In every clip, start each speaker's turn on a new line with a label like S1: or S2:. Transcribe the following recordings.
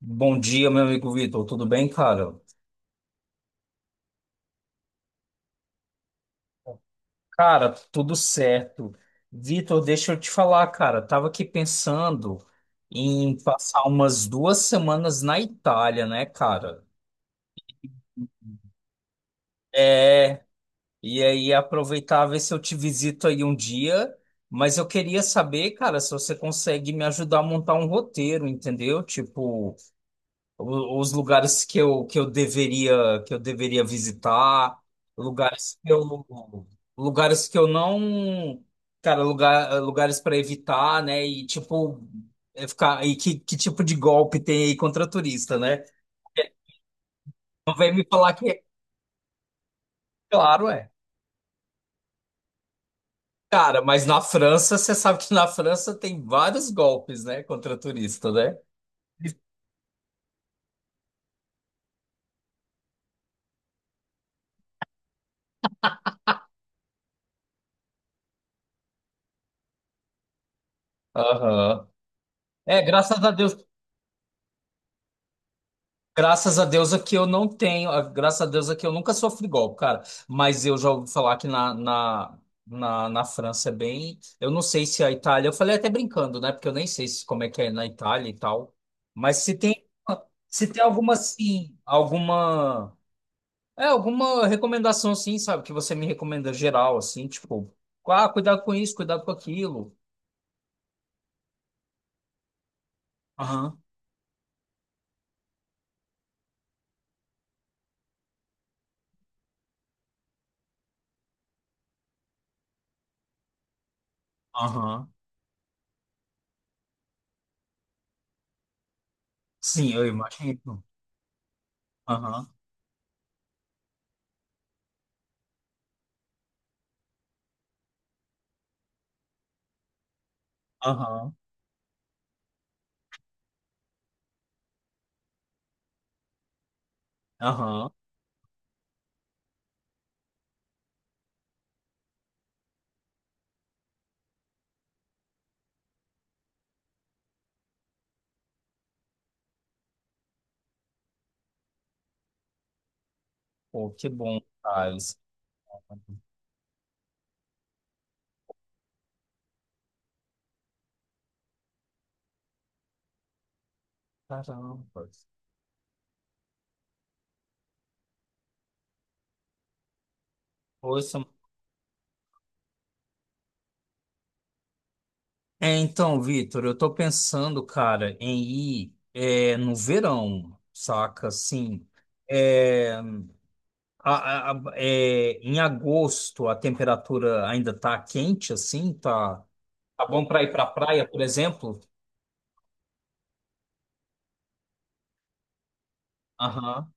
S1: Bom dia, meu amigo Vitor. Tudo bem, cara? Cara, tudo certo. Vitor, deixa eu te falar, cara. Tava aqui pensando em passar umas duas semanas na Itália, né, cara? É, e aí aproveitar ver se eu te visito aí um dia. Mas eu queria saber, cara, se você consegue me ajudar a montar um roteiro, entendeu? Tipo. O- os lugares que eu deveria visitar, lugares que eu lugares que eu não, cara, lugares para evitar, né? E tipo é ficar e que tipo de golpe tem aí contra turista, né? Não vem me falar que é claro, é. Cara, mas na França, você sabe que na França tem vários golpes, né, contra turista, né? Aham. É, graças a Deus Graças a Deus aqui eu não tenho, ah, graças a Deus aqui eu nunca sofri golpe, cara. Mas eu já ouvi falar que na França é bem. Eu não sei se a Itália, eu falei até brincando, né? Porque eu nem sei se, como é que é na Itália e tal. Mas se tem alguma, assim, alguma. É, alguma recomendação, assim, sabe? Que você me recomenda geral, assim, tipo, ah, cuidado com isso, cuidado com aquilo. Aham, aham. Sim, eu imagino. Aham, aham, aham. Pô, que bom, cara. Caramba. Ouça. É, então, Vitor, eu tô pensando, cara, em ir é, no verão, saca? Assim, é, em agosto a temperatura ainda tá quente, assim, tá, tá bom para ir pra praia, por exemplo? Aham.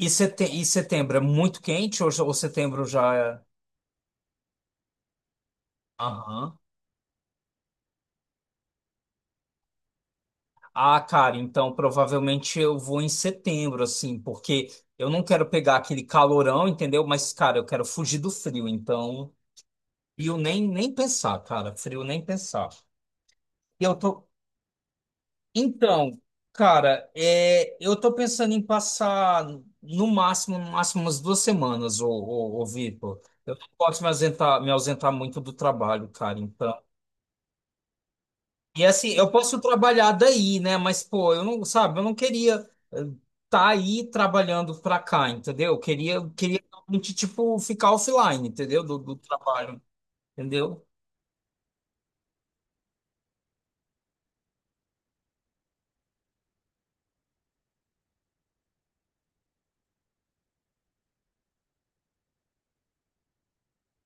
S1: E, setembro é muito quente ou, já- ou setembro já é? Aham. Ah, cara, então provavelmente eu vou em setembro, assim, porque eu não quero pegar aquele calorão, entendeu? Mas, cara, eu quero fugir do frio, então. E eu nem pensar, cara, frio nem pensar. E eu tô. Então, cara, é, eu tô pensando em passar no máximo umas duas semanas, ô Vitor. Eu não posso me ausentar muito do trabalho, cara. Então e assim, eu posso trabalhar daí, né? Mas, pô, eu não, sabe, eu não queria estar tá aí trabalhando pra cá, entendeu? Eu queria realmente, tipo, ficar offline, entendeu? Do trabalho, entendeu?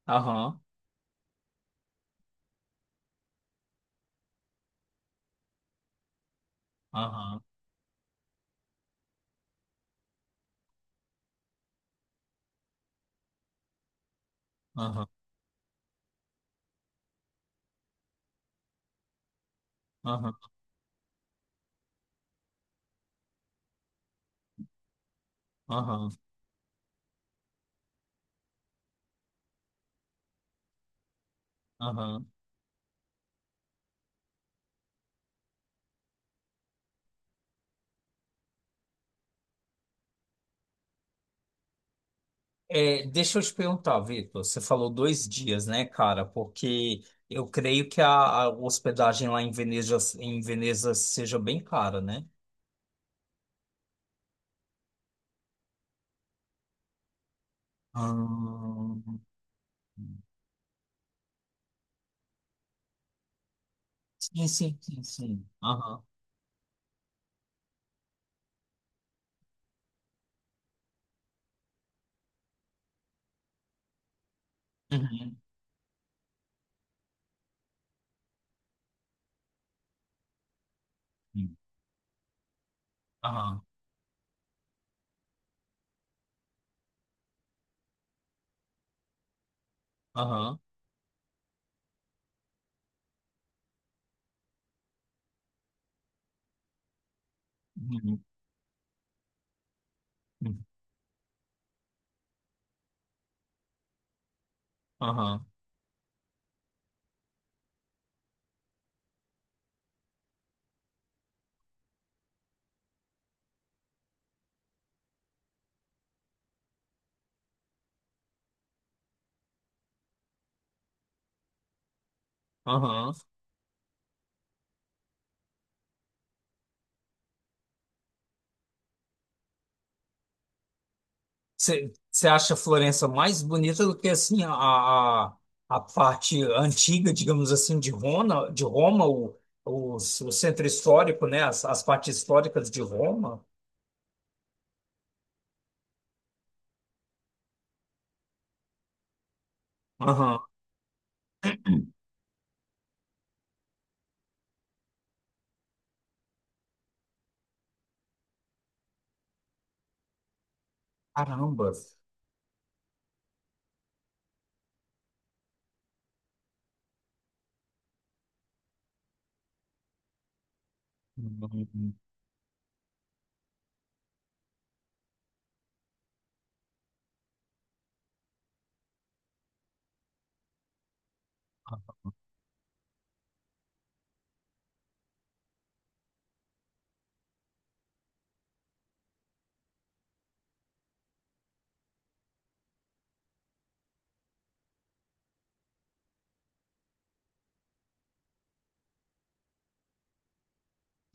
S1: Aham, aham, aham, aham, aham, aham. É, deixa eu te perguntar, Vitor, você falou dois dias, né, cara? Porque eu creio que a hospedagem lá em Veneza seja bem cara, né? Ahn. Sim, sim, sim, sim. Aham. Uhum. Aham, aham, uhum, uhum, aham, aham. Você acha Florença mais bonita do que assim a parte antiga, digamos assim, de Roma, o centro histórico, né? As partes históricas de Roma? Aham. Caramba. Uhum.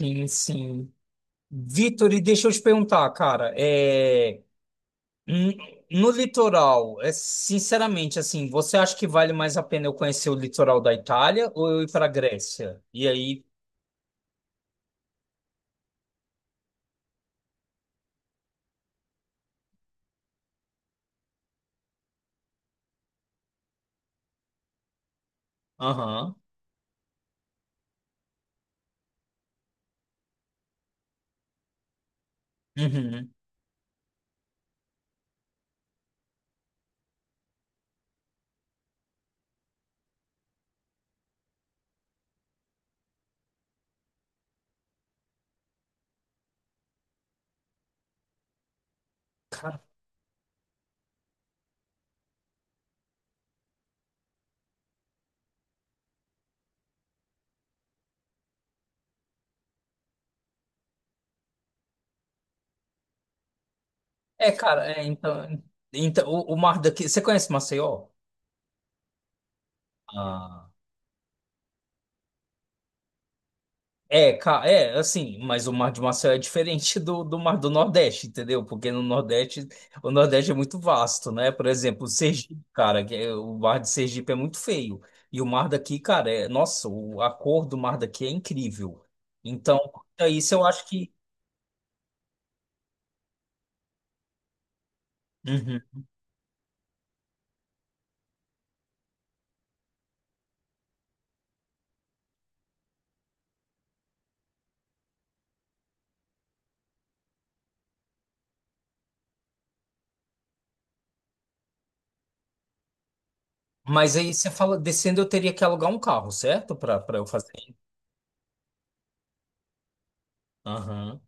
S1: Sim, sim. Vitor, e deixa eu te perguntar, cara, é hum, no litoral, é, sinceramente, assim, você acha que vale mais a pena eu conhecer o litoral da Itália ou eu ir para Grécia? E aí, aham, uhum. Cara, é, cara, é, então, então o mar daqui, você conhece Maceió? Ah, é, assim, mas o Mar de Marcel é diferente do Mar do Nordeste, entendeu? Porque no Nordeste, o Nordeste é muito vasto, né? Por exemplo, o Sergipe, cara, o Mar de Sergipe é muito feio. E o mar daqui, cara, é, nossa, a cor do mar daqui é incrível. Então, é isso eu acho que. Uhum. Mas aí você fala, descendo eu teria que alugar um carro, certo? Pra eu fazer isso. Aham,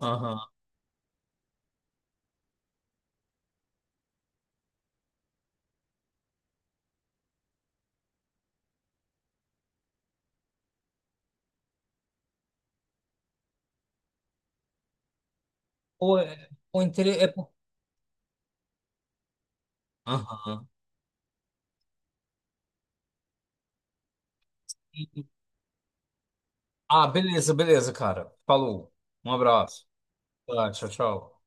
S1: aham. Ou é, ou inter- é por- Aham. Ah, beleza, cara. Falou. Um abraço. Tá, tchau, tchau.